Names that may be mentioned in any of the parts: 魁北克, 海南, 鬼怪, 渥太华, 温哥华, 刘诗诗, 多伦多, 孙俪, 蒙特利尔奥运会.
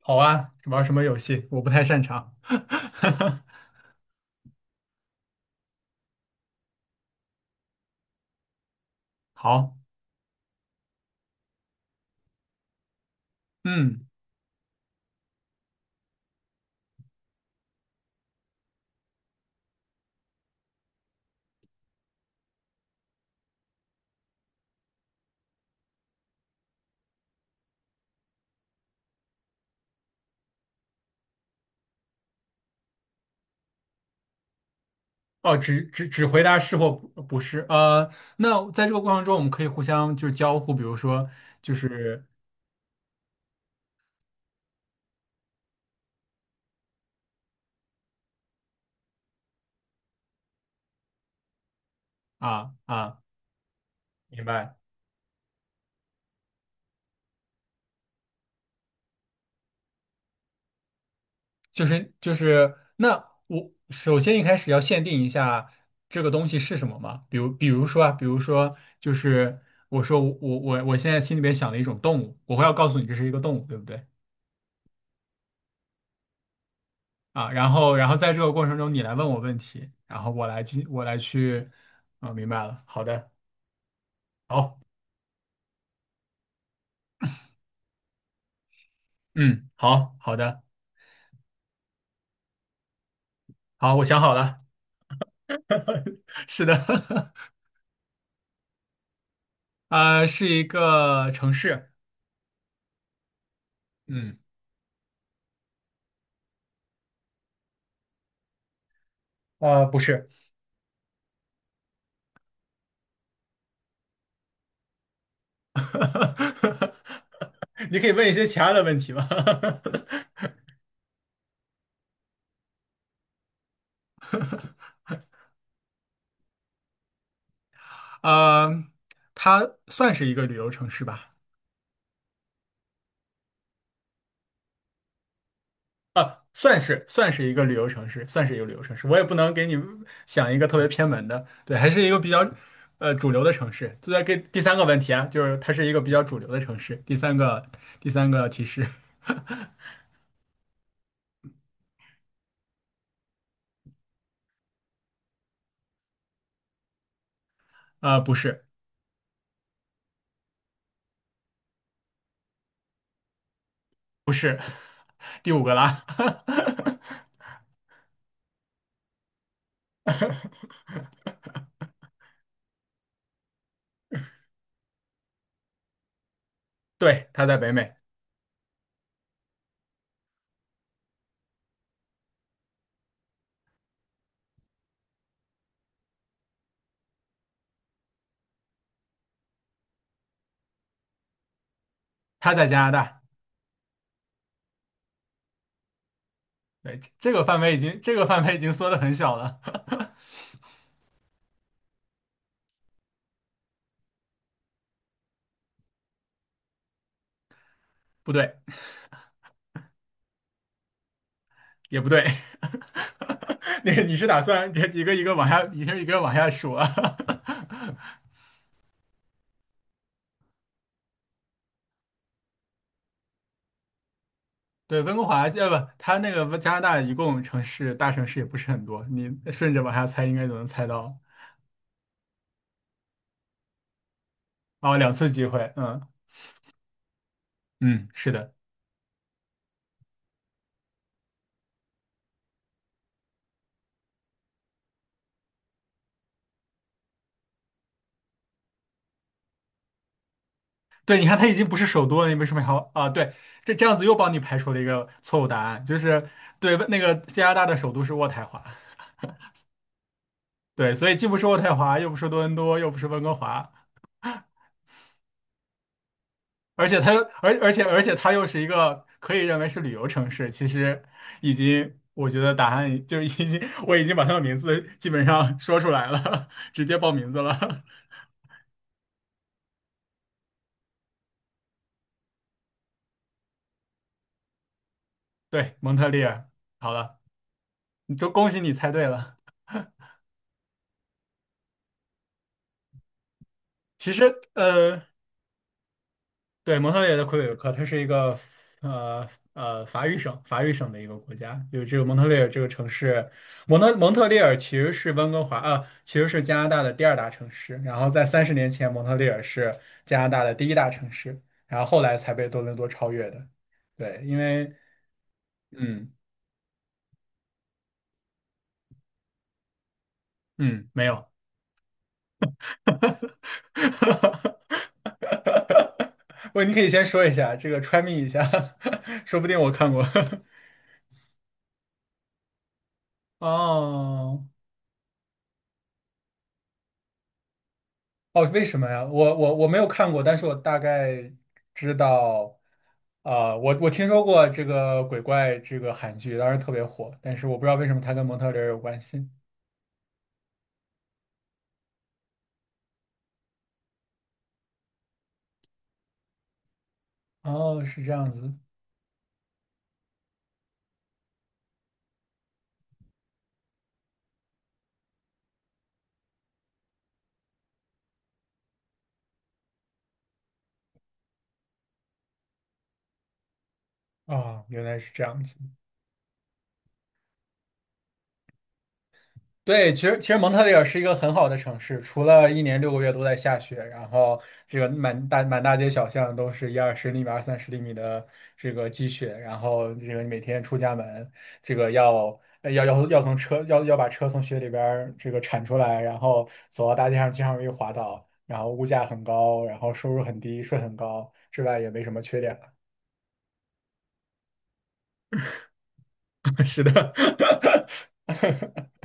好啊，玩什么游戏？我不太擅长。好。嗯。哦，只回答是或不是。那在这个过程中，我们可以互相就是交互，比如说就是。啊啊，明白。就是那我首先一开始要限定一下这个东西是什么嘛？比如说啊，比如说就是，我说我现在心里边想了一种动物，我会要告诉你这是一个动物，对不对？啊，然后在这个过程中你来问我问题，然后我来去。嗯，明白了，好的。好。嗯，好好的。好，我想好了。是的。啊，是一个城市。嗯。呃，不是。你可以问一些其他的问题吗？呃，它算是一个旅游城市吧。啊，算是算是一个旅游城市，算是一个旅游城市。我也不能给你想一个特别偏门的，对，还是一个比较主流的城市。就在给第三个问题啊，就是它是一个比较主流的城市。第三个提示。啊、不是不是。第五个啦。对，它在北美。它在加拿大。对，这个范围已经缩的很小了。不对。也不对。那个你是打算一个一个往下数啊？对，温哥华。不，它那个加拿大一共大城市也不是很多，你顺着往下猜应该就能猜到。哦，两次机会。嗯嗯，是的。对，你看它已经不是首都了，你为什么还要啊？对，这样子又帮你排除了一个错误答案，就是对，那个加拿大的首都是渥太华。对，所以既不是渥太华，又不是多伦多，又不是温哥华，而且它，而且它又是一个可以认为是旅游城市。其实已经，我觉得答案就已经，我已经把它的名字基本上说出来了。直接报名字了。对，蒙特利尔。好了，你就恭喜你猜对了。其实，对，蒙特利尔的魁北克，它是一个呃法语省的一个国家，有这个蒙特利尔这个城市。蒙特利尔其实是温哥华啊，其实是加拿大的第二大城市。然后在30年前，蒙特利尔是加拿大的第一大城市，然后后来才被多伦多超越的。对，因为，嗯嗯，没有。不，你可以先说一下这个 try me 一下。说不定我看过。哦。哦，为什么呀？我没有看过，但是我大概知道。啊、我听说过这个鬼怪这个韩剧，当时特别火，但是我不知道为什么它跟蒙特利尔有关系。哦，是这样子。哦，原来是这样子。对，其实蒙特利尔是一个很好的城市，除了一年6个月都在下雪，然后这个满大街小巷都是一二十厘米、二三十厘米的这个积雪。然后这个你每天出家门，这个要呃要要要从车要要把车从雪里边儿这个铲出来，然后走到大街上经常容易滑倒，然后物价很高，然后收入很低，税很高，之外也没什么缺点了。是的。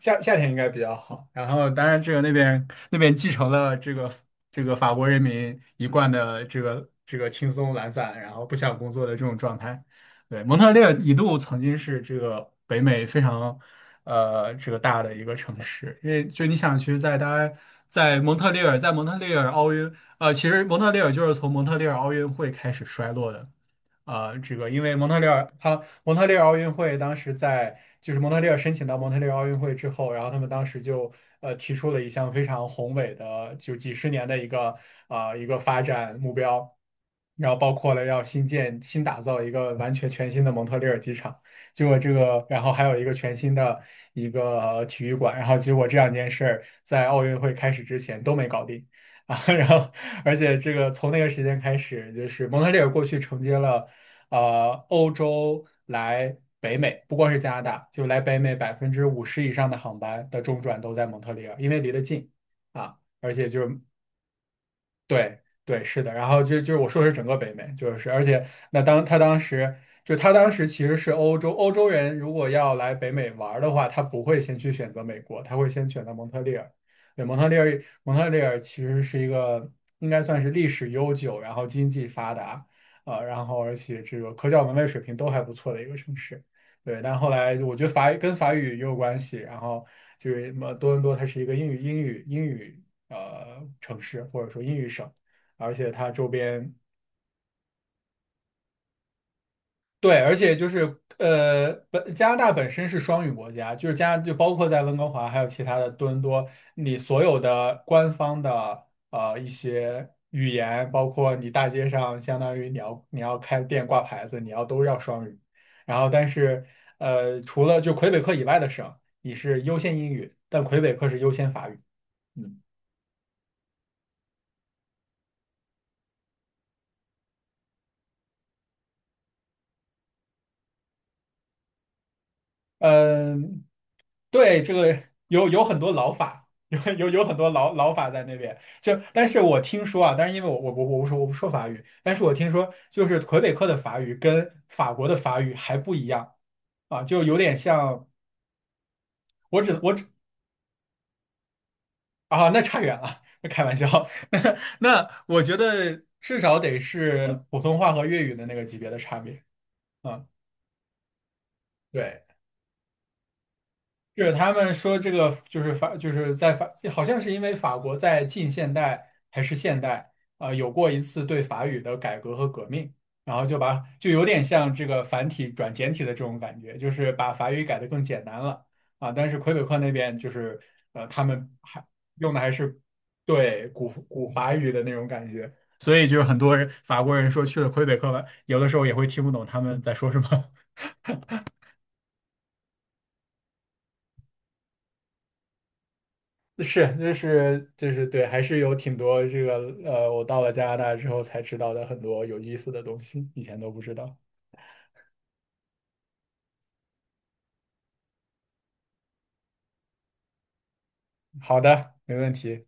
夏天应该比较好。然后，当然这个那边继承了这个法国人民一贯的这个轻松懒散，然后不想工作的这种状态。对，蒙特利尔一度曾经是这个北美非常这个大的一个城市，因为就你想去在大家在蒙特利尔，在蒙特利尔奥运，其实蒙特利尔就是从蒙特利尔奥运会开始衰落的。啊，这个因为蒙特利尔，他蒙特利尔奥运会当时在，就是蒙特利尔申请到蒙特利尔奥运会之后，然后他们当时就提出了一项非常宏伟的，就几十年的一个发展目标，然后包括了要新建、新打造一个完全全新的蒙特利尔机场。结果这个，然后还有一个全新的体育馆，然后结果这两件事儿在奥运会开始之前都没搞定。啊，然后而且这个从那个时间开始，就是蒙特利尔过去承接了，欧洲来北美，不光是加拿大，就来北美50%以上的航班的中转都在蒙特利尔，因为离得近啊，而且就是。对对，是的。然后就是我说的是整个北美，就是。而且那当他当时就他当时其实是欧洲人，如果要来北美玩儿的话，他不会先去选择美国，他会先选择蒙特利尔。对，蒙特利尔其实是一个应该算是历史悠久，然后经济发达，啊，然后而且这个科教文卫水平都还不错的一个城市。对，但后来我觉得法语跟法语也有关系。然后就是什么多伦多它是一个英语。城市或者说英语省，而且它周边。对，而且就是加拿大本身是双语国家，就是就包括在温哥华还有其他的多伦多，你所有的官方的一些语言，包括你大街上相当于你要开店挂牌子，你要都要双语。然后但是除了就魁北克以外的省，你是优先英语，但魁北克是优先法语。嗯。嗯，对，这个有很多老法。有很多老法在那边。但是我听说啊，但是因为我不说法语，但是我听说就是魁北克的法语跟法国的法语还不一样啊，就有点像。我只我只啊，那差远了。开玩笑。那我觉得至少得是普通话和粤语的那个级别的差别啊，对。是他们说这个就是法，就是在法，好像是因为法国在近现代还是现代啊、有过一次对法语的改革和革命，然后就有点像这个繁体转简体的这种感觉，就是把法语改得更简单了啊。但是魁北克那边就是他们还用的还是对古法语的那种感觉，所以就是很多人法国人说去了魁北克，有的时候也会听不懂他们在说什么。是，对，还是有挺多这个我到了加拿大之后才知道的很多有意思的东西，以前都不知道。好的，没问题。